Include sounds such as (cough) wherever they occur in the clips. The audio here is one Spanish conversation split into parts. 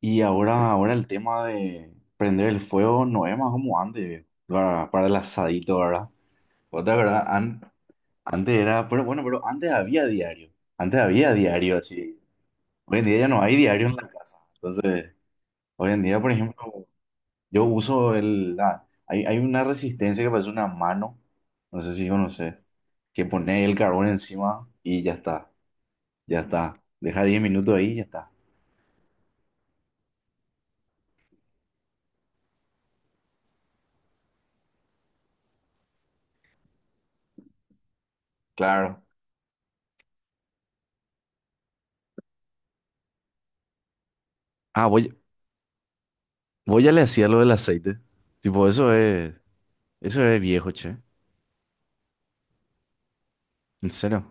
Y ahora el tema de prender el fuego no es más como antes, para el asadito, ¿verdad? Otra verdad, antes era, pero bueno, pero antes había diario así. Hoy en día ya no hay diario en la casa. Entonces, hoy en día, por ejemplo, yo uso hay una resistencia que parece una mano, no sé si conoces, que pone el carbón encima y ya está, ya está. Deja 10 minutos ahí y ya está. Claro. Ah, voy Vos ya le hacía lo del aceite. Tipo, eso es. Eso es viejo, che. ¿En serio?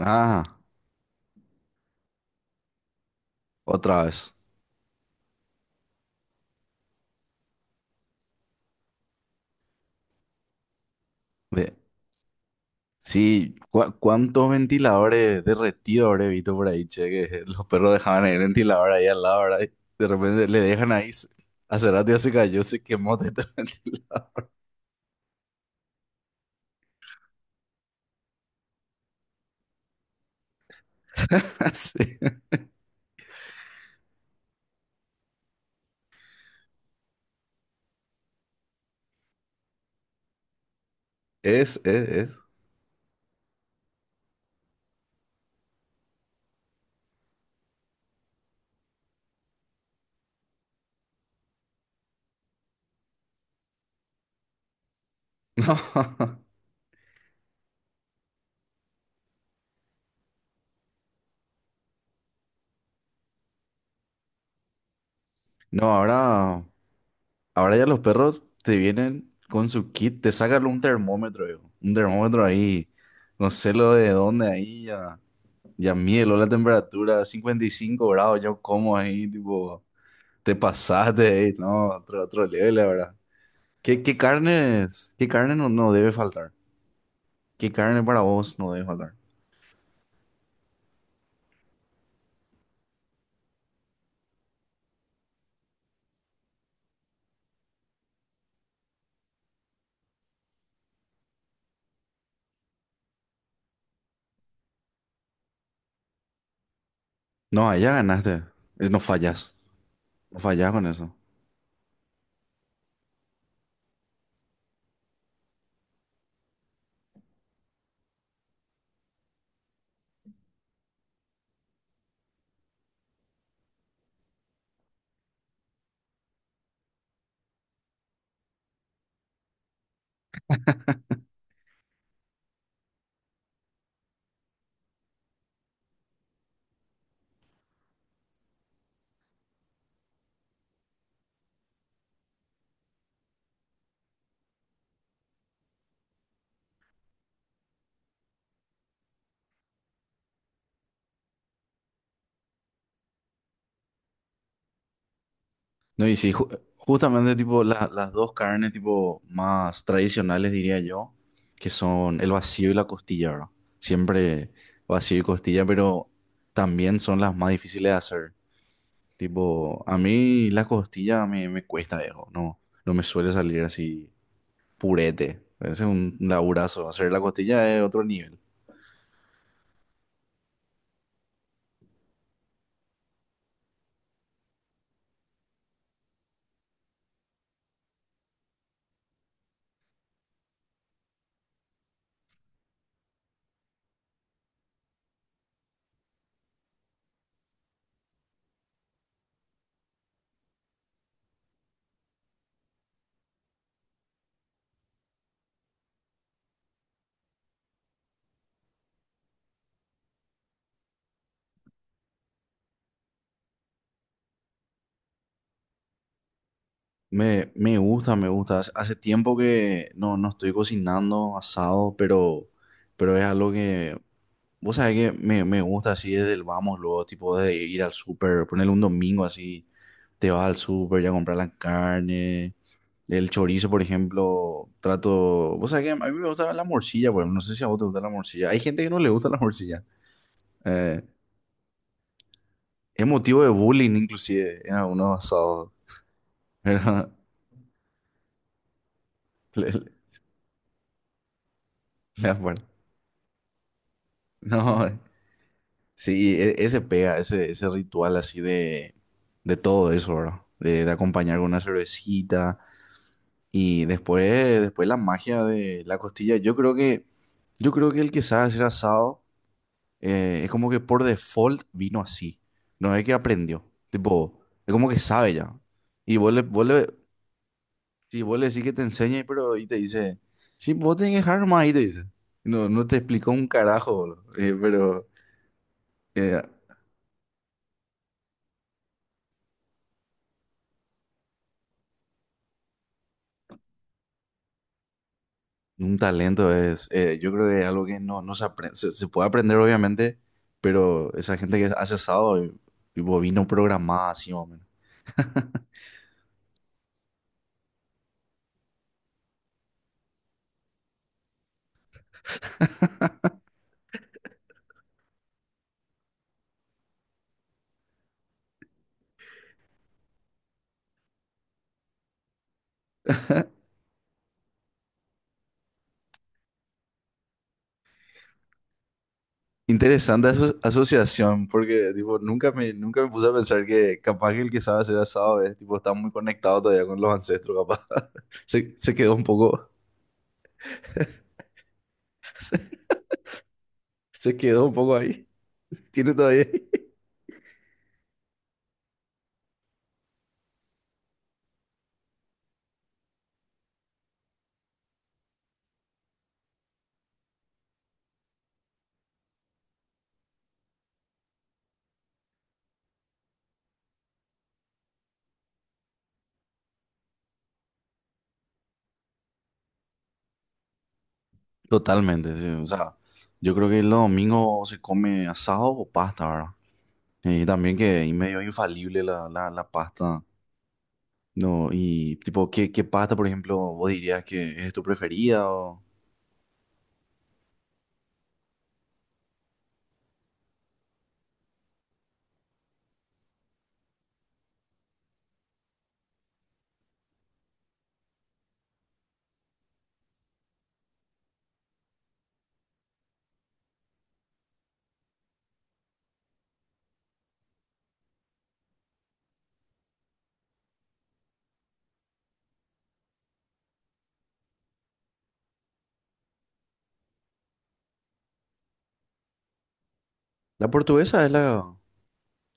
Ah, otra vez. Ve- Sí, ¿cuántos ventiladores derretidos habré visto por ahí, che? Que (laughs) los perros dejaban el ventilador ahí al lado, ¿verdad? Y de repente le dejan ahí. Hace rato ya se cayó, se quemó (laughs) todo el ventilador. (laughs) Sí. Es. (laughs) No. No, ahora. Ahora ya los perros te vienen con su kit, te sacan un termómetro, viejo. Un termómetro ahí, no sé lo de dónde ahí, ya, mieló la temperatura, 55 grados, yo como ahí, tipo, te pasaste, (laughs) ahí, no, otro level, la verdad. ¿Qué carnes, qué carne no debe faltar? ¿Qué carne para vos no debe faltar? No, allá ganaste, no fallas, no fallas con eso. No, y sí, justamente tipo las dos carnes tipo más tradicionales diría yo, que son el vacío y la costilla, ¿verdad? Siempre vacío y costilla, pero también son las más difíciles de hacer. Tipo, a mí la costilla me, me cuesta, viejo, no, me suele salir así purete. Ese es un laburazo, hacer la costilla es otro nivel. Me gusta, me gusta. Hace tiempo que no estoy cocinando asado, pero es algo que vos sabés que me gusta así desde el vamos, luego, tipo de ir al súper, ponerle un domingo así, te vas al súper ya a comprar la carne, el chorizo, por ejemplo, trato, vos sabés que a mí me gusta la morcilla, por ejemplo, no sé si a vos te gusta la morcilla, hay gente que no le gusta la morcilla, eh, es motivo de bullying inclusive en algunos asados, pero (laughs) le- le- le acuerdo. No, sí, ese pega, ese ritual así de todo eso, ¿verdad? De acompañar con una cervecita. Y después, después la magia de la costilla, yo creo que el que sabe hacer asado es como que por default vino así. No es que aprendió. Tipo, es como que sabe ya. Y sí, vos le decís que te enseñe, pero y te dice, sí, vos tenés que dejar más ahí, te dice. no, te explicó un carajo, boludo. Eh, Un talento es, yo creo que es algo que no, se aprende, se puede aprender obviamente, pero esa gente que hace asado, y- tipo vino programada así más o menos. (laughs) Interesante aso- asociación, porque tipo, nunca me puse a pensar que capaz que el que sabe hacer asado es, tipo, está muy conectado todavía con los ancestros, capaz. (laughs) Se quedó un poco, (laughs) se, se quedó un poco ahí. (laughs) Tiene todavía ahí. Totalmente, sí. O sea, yo creo que los domingos se come asado o pasta, ¿verdad? Y también que es medio infalible la pasta. No, y tipo, ¿qué pasta, por ejemplo, vos dirías que es tu preferida? O... La portuguesa es la,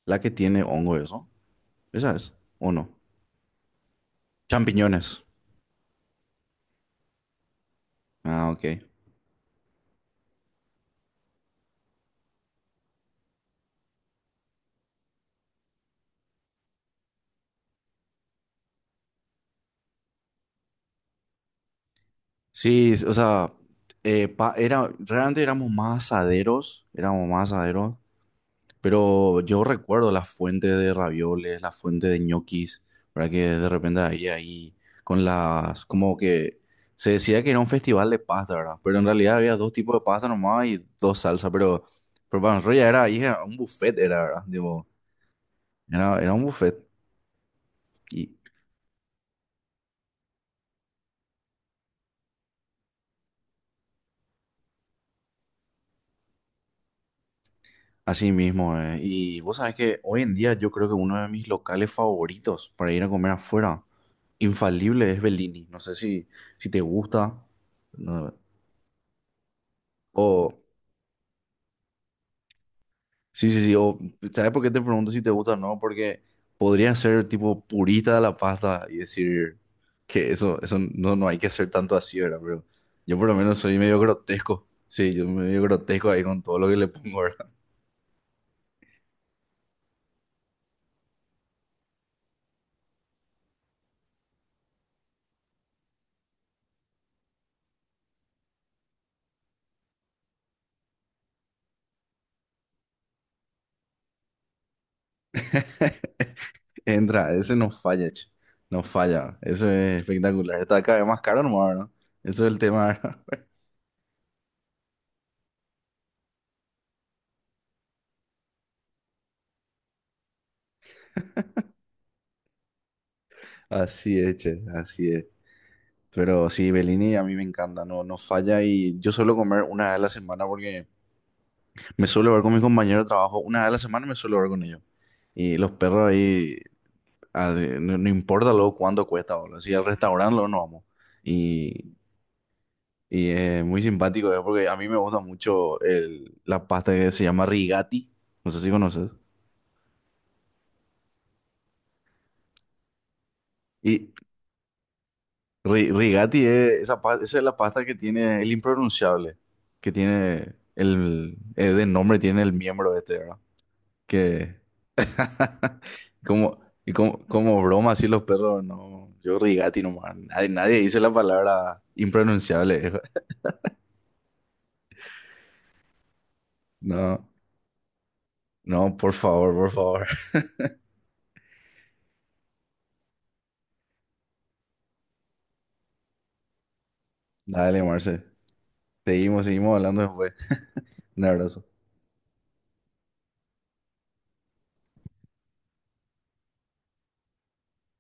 la que tiene hongo, eso. Esa es, ¿o no? Champiñones. Ah, ok. Sí, o sea, era, realmente éramos más asaderos, éramos más asaderos. Pero yo recuerdo las fuentes de ravioles, las fuentes de ñoquis, ¿verdad? Que de repente ahí, ahí, con las, como que se decía que era un festival de pasta, ¿verdad? Pero en realidad había dos tipos de pasta nomás y dos salsas, pero para nosotros ya era, ahí era un buffet, era, ¿verdad? Digo, era, un buffet y así mismo, eh. Y vos sabés que hoy en día yo creo que uno de mis locales favoritos para ir a comer afuera, infalible, es Bellini. No sé si, te gusta, no, o... Sí, sí, sí. O, ¿sabes por qué te pregunto si te gusta o no? Porque podría ser tipo purista de la pasta y decir que eso, no hay que hacer tanto así, ¿verdad? Pero yo por lo menos soy medio grotesco. Sí, yo medio grotesco ahí con todo lo que le pongo, ¿verdad? (laughs) Entra, ese no falla, che. No falla. Eso es espectacular. Está cada vez más caro nomás, ¿no? Eso es el tema, ¿verdad? (laughs) Así es, che, así es. Pero sí, Bellini a mí me encanta, no, no falla y yo suelo comer una vez a la semana porque... Me suelo ver con mis compañeros de trabajo, una vez a la semana me suelo ver con ellos. Y los perros ahí, a ver, no, no importa luego cuánto cuesta, boludo. Si al restaurante luego nos vamos. Y, y es muy simpático, porque a mí me gusta mucho el- la pasta que se llama rigati. No sé si conoces. Y rigati es esa, esa es la pasta que tiene el impronunciable, que tiene el, de nombre tiene el miembro este, ¿verdad? Que (laughs) como, y como, como broma, así los perros, no. Yo rigati nomás. Nadie, nadie dice la palabra impronunciable. (laughs) No, no, por favor, por favor. (laughs) Dale, Marce. Seguimos hablando después. Un abrazo.